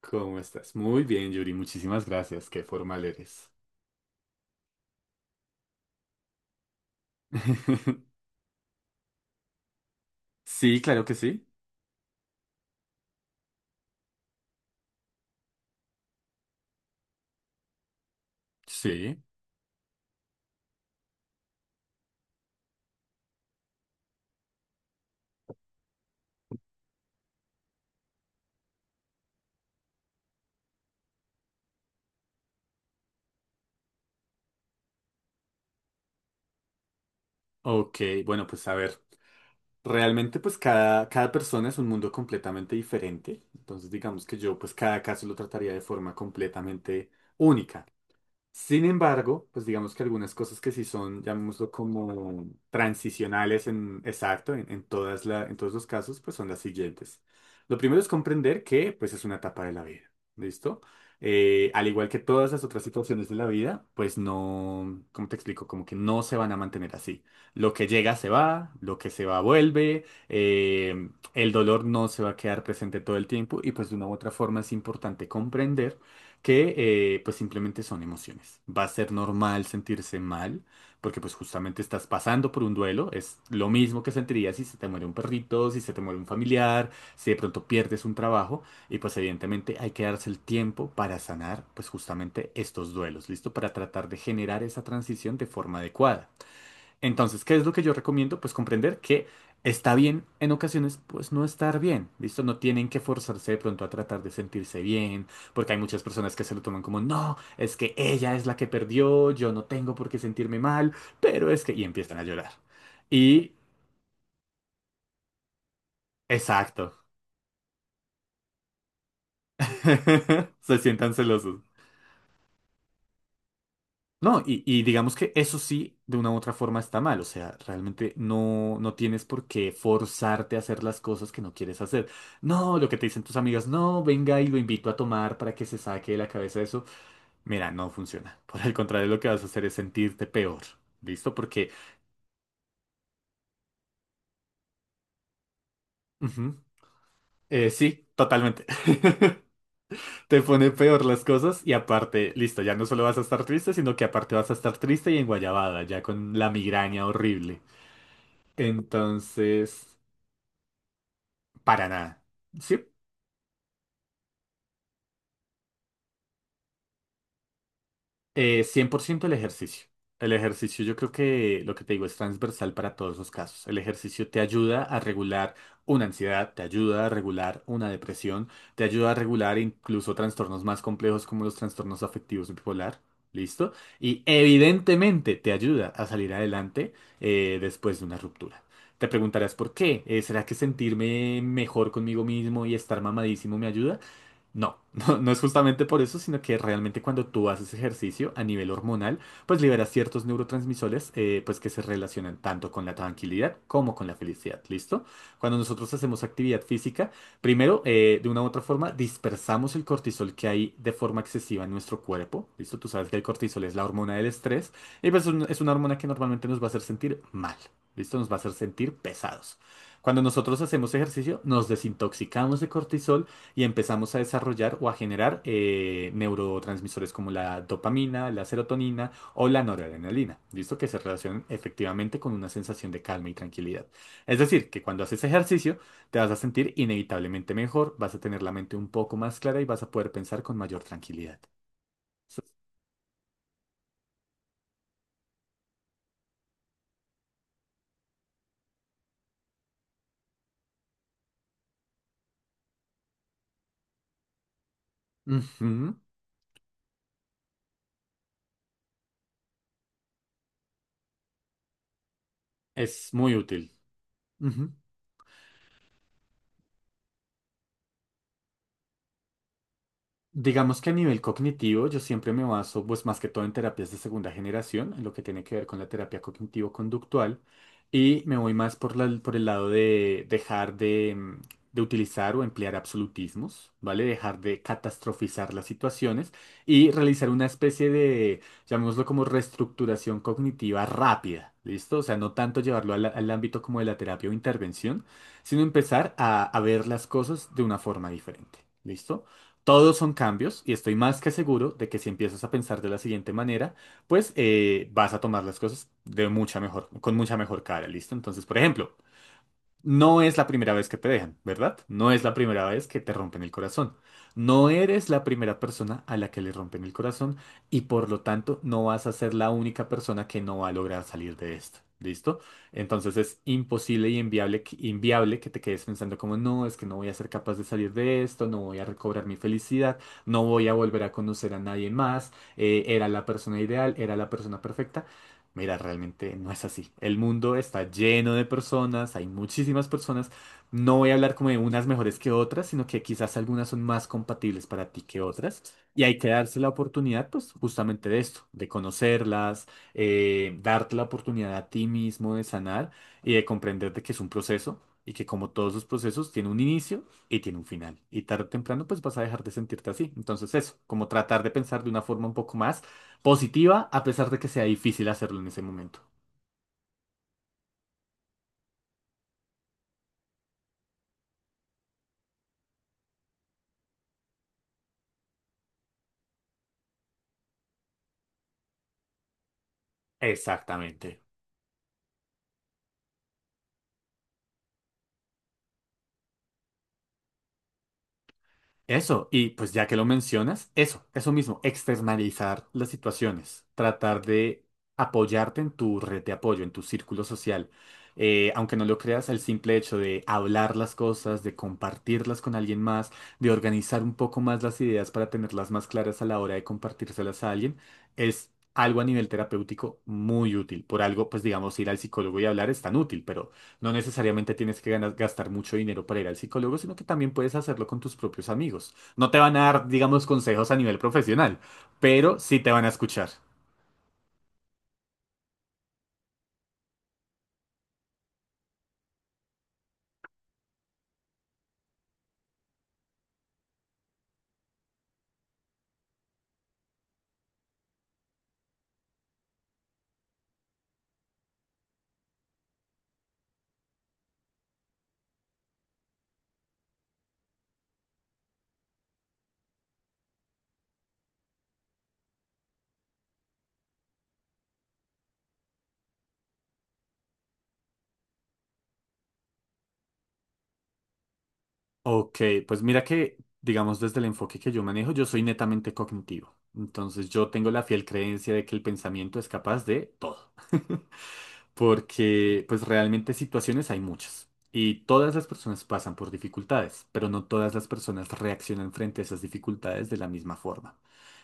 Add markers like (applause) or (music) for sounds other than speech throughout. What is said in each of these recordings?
¿Cómo estás? Muy bien, Yuri. Muchísimas gracias. Qué formal eres. (laughs) Sí, claro que sí. Sí. Ok, bueno, pues a ver. Realmente, pues cada persona es un mundo completamente diferente. Entonces, digamos que yo, pues cada caso lo trataría de forma completamente única. Sin embargo, pues digamos que algunas cosas que sí son, llamémoslo como transicionales en exacto, en todas en todos los casos, pues son las siguientes. Lo primero es comprender que pues es una etapa de la vida, ¿listo? Al igual que todas las otras situaciones de la vida, pues no, ¿cómo te explico? Como que no se van a mantener así. Lo que llega se va, lo que se va vuelve, el dolor no se va a quedar presente todo el tiempo y pues de una u otra forma es importante comprender que pues simplemente son emociones. Va a ser normal sentirse mal, porque pues justamente estás pasando por un duelo, es lo mismo que sentirías si se te muere un perrito, si se te muere un familiar, si de pronto pierdes un trabajo, y pues evidentemente hay que darse el tiempo para sanar pues justamente estos duelos, ¿listo? Para tratar de generar esa transición de forma adecuada. Entonces, ¿qué es lo que yo recomiendo? Pues comprender que está bien en ocasiones, pues no estar bien, ¿listo? No tienen que forzarse de pronto a tratar de sentirse bien, porque hay muchas personas que se lo toman como, no, es que ella es la que perdió, yo no tengo por qué sentirme mal, pero es que... Y empiezan a llorar. Y, exacto, (laughs) se sientan celosos. No, y digamos que eso sí, de una u otra forma está mal, o sea, realmente no, no tienes por qué forzarte a hacer las cosas que no quieres hacer. No, lo que te dicen tus amigas, no, venga y lo invito a tomar para que se saque de la cabeza eso. Mira, no funciona. (laughs) Por el contrario, lo que vas a hacer es sentirte peor, ¿listo? Porque, ujú, sí, totalmente. (laughs) Te pone peor las cosas y aparte, listo, ya no solo vas a estar triste, sino que aparte vas a estar triste y enguayabada, ya con la migraña horrible. Entonces... Para nada. Sí, 100% el ejercicio. El ejercicio yo creo que lo que te digo es transversal para todos los casos. El ejercicio te ayuda a regular una ansiedad, te ayuda a regular una depresión, te ayuda a regular incluso trastornos más complejos como los trastornos afectivos bipolar. ¿Listo? Y evidentemente te ayuda a salir adelante después de una ruptura. Te preguntarás por qué. ¿Será que sentirme mejor conmigo mismo y estar mamadísimo me ayuda? No, (laughs) no, no es justamente por eso, sino que realmente cuando tú haces ejercicio a nivel hormonal, pues liberas ciertos neurotransmisores pues que se relacionan tanto con la tranquilidad como con la felicidad, ¿listo? Cuando nosotros hacemos actividad física, primero, de una u otra forma, dispersamos el cortisol que hay de forma excesiva en nuestro cuerpo, ¿listo? Tú sabes que el cortisol es la hormona del estrés y pues es una hormona que normalmente nos va a hacer sentir mal, ¿listo? Nos va a hacer sentir pesados. Cuando nosotros hacemos ejercicio, nos desintoxicamos de cortisol, y empezamos a desarrollar o a generar neurotransmisores como la dopamina, la serotonina o la noradrenalina, ¿listo? Que se relacionan efectivamente con una sensación de calma y tranquilidad. Es decir, que cuando haces ejercicio te vas a sentir inevitablemente mejor, vas a tener la mente un poco más clara y vas a poder pensar con mayor tranquilidad. Eso es- Ujú. Es muy útil. Ujú. Digamos que a nivel cognitivo, yo siempre me baso, pues más que todo en terapias de segunda generación, en lo que tiene que ver con la terapia cognitivo-conductual, y me voy más por el lado de dejar de, de utilizar o emplear absolutismos, ¿vale? Dejar de catastrofizar las situaciones y realizar una especie de, llamémoslo como reestructuración cognitiva rápida, ¿listo? O sea, no tanto llevarlo al ámbito como de la terapia o intervención, sino empezar a ver las cosas de una forma diferente, ¿listo? Todos son cambios y estoy más que seguro de que si empiezas a pensar de la siguiente manera, pues vas a tomar las cosas de mucha mejor, con mucha mejor cara, ¿listo? Entonces, por ejemplo, no es la primera vez que te dejan, ¿verdad? No es la primera vez que te rompen el corazón. No eres la primera persona a la que le rompen el corazón y por lo tanto no vas a ser la única persona que no va a lograr salir de esto. ¿Listo? Entonces es imposible y inviable, inviable que te quedes pensando como, no, es que no voy a ser capaz de salir de esto, no voy a recobrar mi felicidad, no voy a volver a conocer a nadie más, era la persona ideal, era la persona perfecta. Mira, realmente no es así. El mundo está lleno de personas, hay muchísimas personas. No voy a hablar como de unas mejores que otras, sino que quizás algunas son más compatibles para ti que otras. Y hay que darse la oportunidad, pues, justamente de esto, de conocerlas, darte la oportunidad a ti mismo de sanar y de comprender de que es un proceso y que como todos los procesos tiene un inicio y tiene un final. Y tarde o temprano, pues, vas a dejar de sentirte así. Entonces, eso, como tratar de pensar de una forma un poco más positiva, a pesar de que sea difícil hacerlo en ese momento. Exactamente. Eso, y pues ya que lo mencionas, eso mismo, externalizar las situaciones, tratar de apoyarte en tu red de apoyo, en tu círculo social. Aunque no lo creas, el simple hecho de hablar las cosas, de compartirlas con alguien más, de organizar un poco más las ideas para tenerlas más claras a la hora de compartírselas a alguien, es algo a nivel terapéutico muy útil. Por algo, pues digamos, ir al psicólogo y hablar es tan útil, pero no necesariamente tienes que gastar mucho dinero para ir al psicólogo, sino que también puedes hacerlo con tus propios amigos. No te van a dar, digamos, consejos a nivel profesional, pero sí te van a escuchar. Ok, pues mira que, digamos, desde el enfoque que yo manejo, yo soy netamente cognitivo. Entonces yo tengo la fiel creencia de que el pensamiento es capaz de todo. (laughs) Porque pues realmente situaciones hay muchas. Y todas las personas pasan por dificultades, pero no todas las personas reaccionan frente a esas dificultades de la misma forma.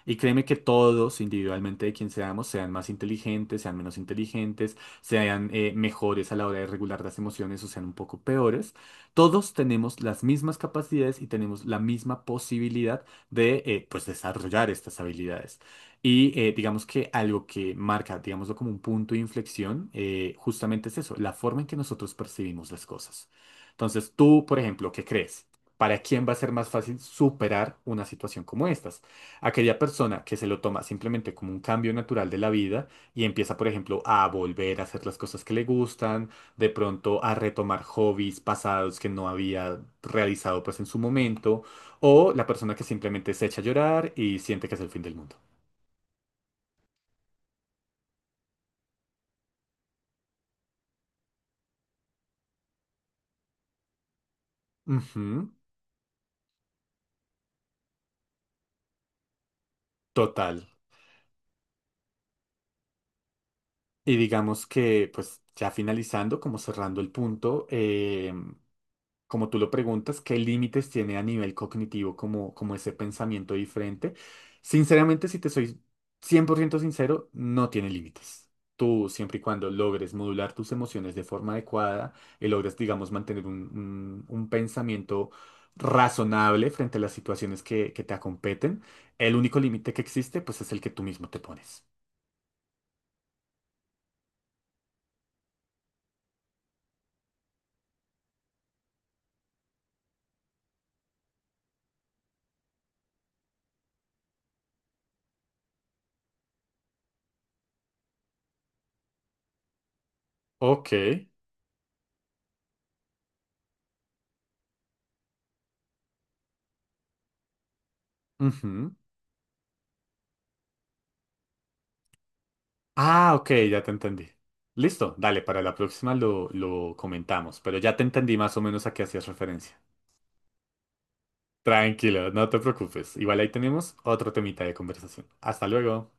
Y créeme que todos, individualmente de quien seamos, sean más inteligentes, sean menos inteligentes, sean mejores a la hora de regular las emociones o sean un poco peores. Todos tenemos las mismas capacidades y tenemos la misma posibilidad de pues desarrollar estas habilidades. Y digamos que algo que marca, digámoslo como un punto de inflexión, justamente es eso, la forma en que nosotros percibimos las cosas. Entonces, tú, por ejemplo, ¿qué crees? ¿Para quién va a ser más fácil superar una situación como estas? Aquella persona que se lo toma simplemente como un cambio natural de la vida y empieza, por ejemplo, a volver a hacer las cosas que le gustan, de pronto a retomar hobbies pasados que no había realizado pues en su momento, o la persona que simplemente se echa a llorar y siente que es el fin del mundo. Ujú, total. Y digamos que, pues ya finalizando, como cerrando el punto, como tú lo preguntas, ¿qué límites tiene a nivel cognitivo como, como ese pensamiento diferente? Sinceramente, si te soy 100% sincero, no tiene límites. Tú, siempre y cuando logres modular tus emociones de forma adecuada y logres, digamos, mantener un, un pensamiento razonable frente a las situaciones que te acompeten, el único límite que existe, pues es el que tú mismo te pones. Ok. Ujú. Ah, ok, ya te entendí. Listo, dale, para la próxima lo comentamos, pero ya te entendí más o menos a qué hacías referencia. Tranquilo, no te preocupes. Igual ahí tenemos otro temita de conversación. Hasta luego.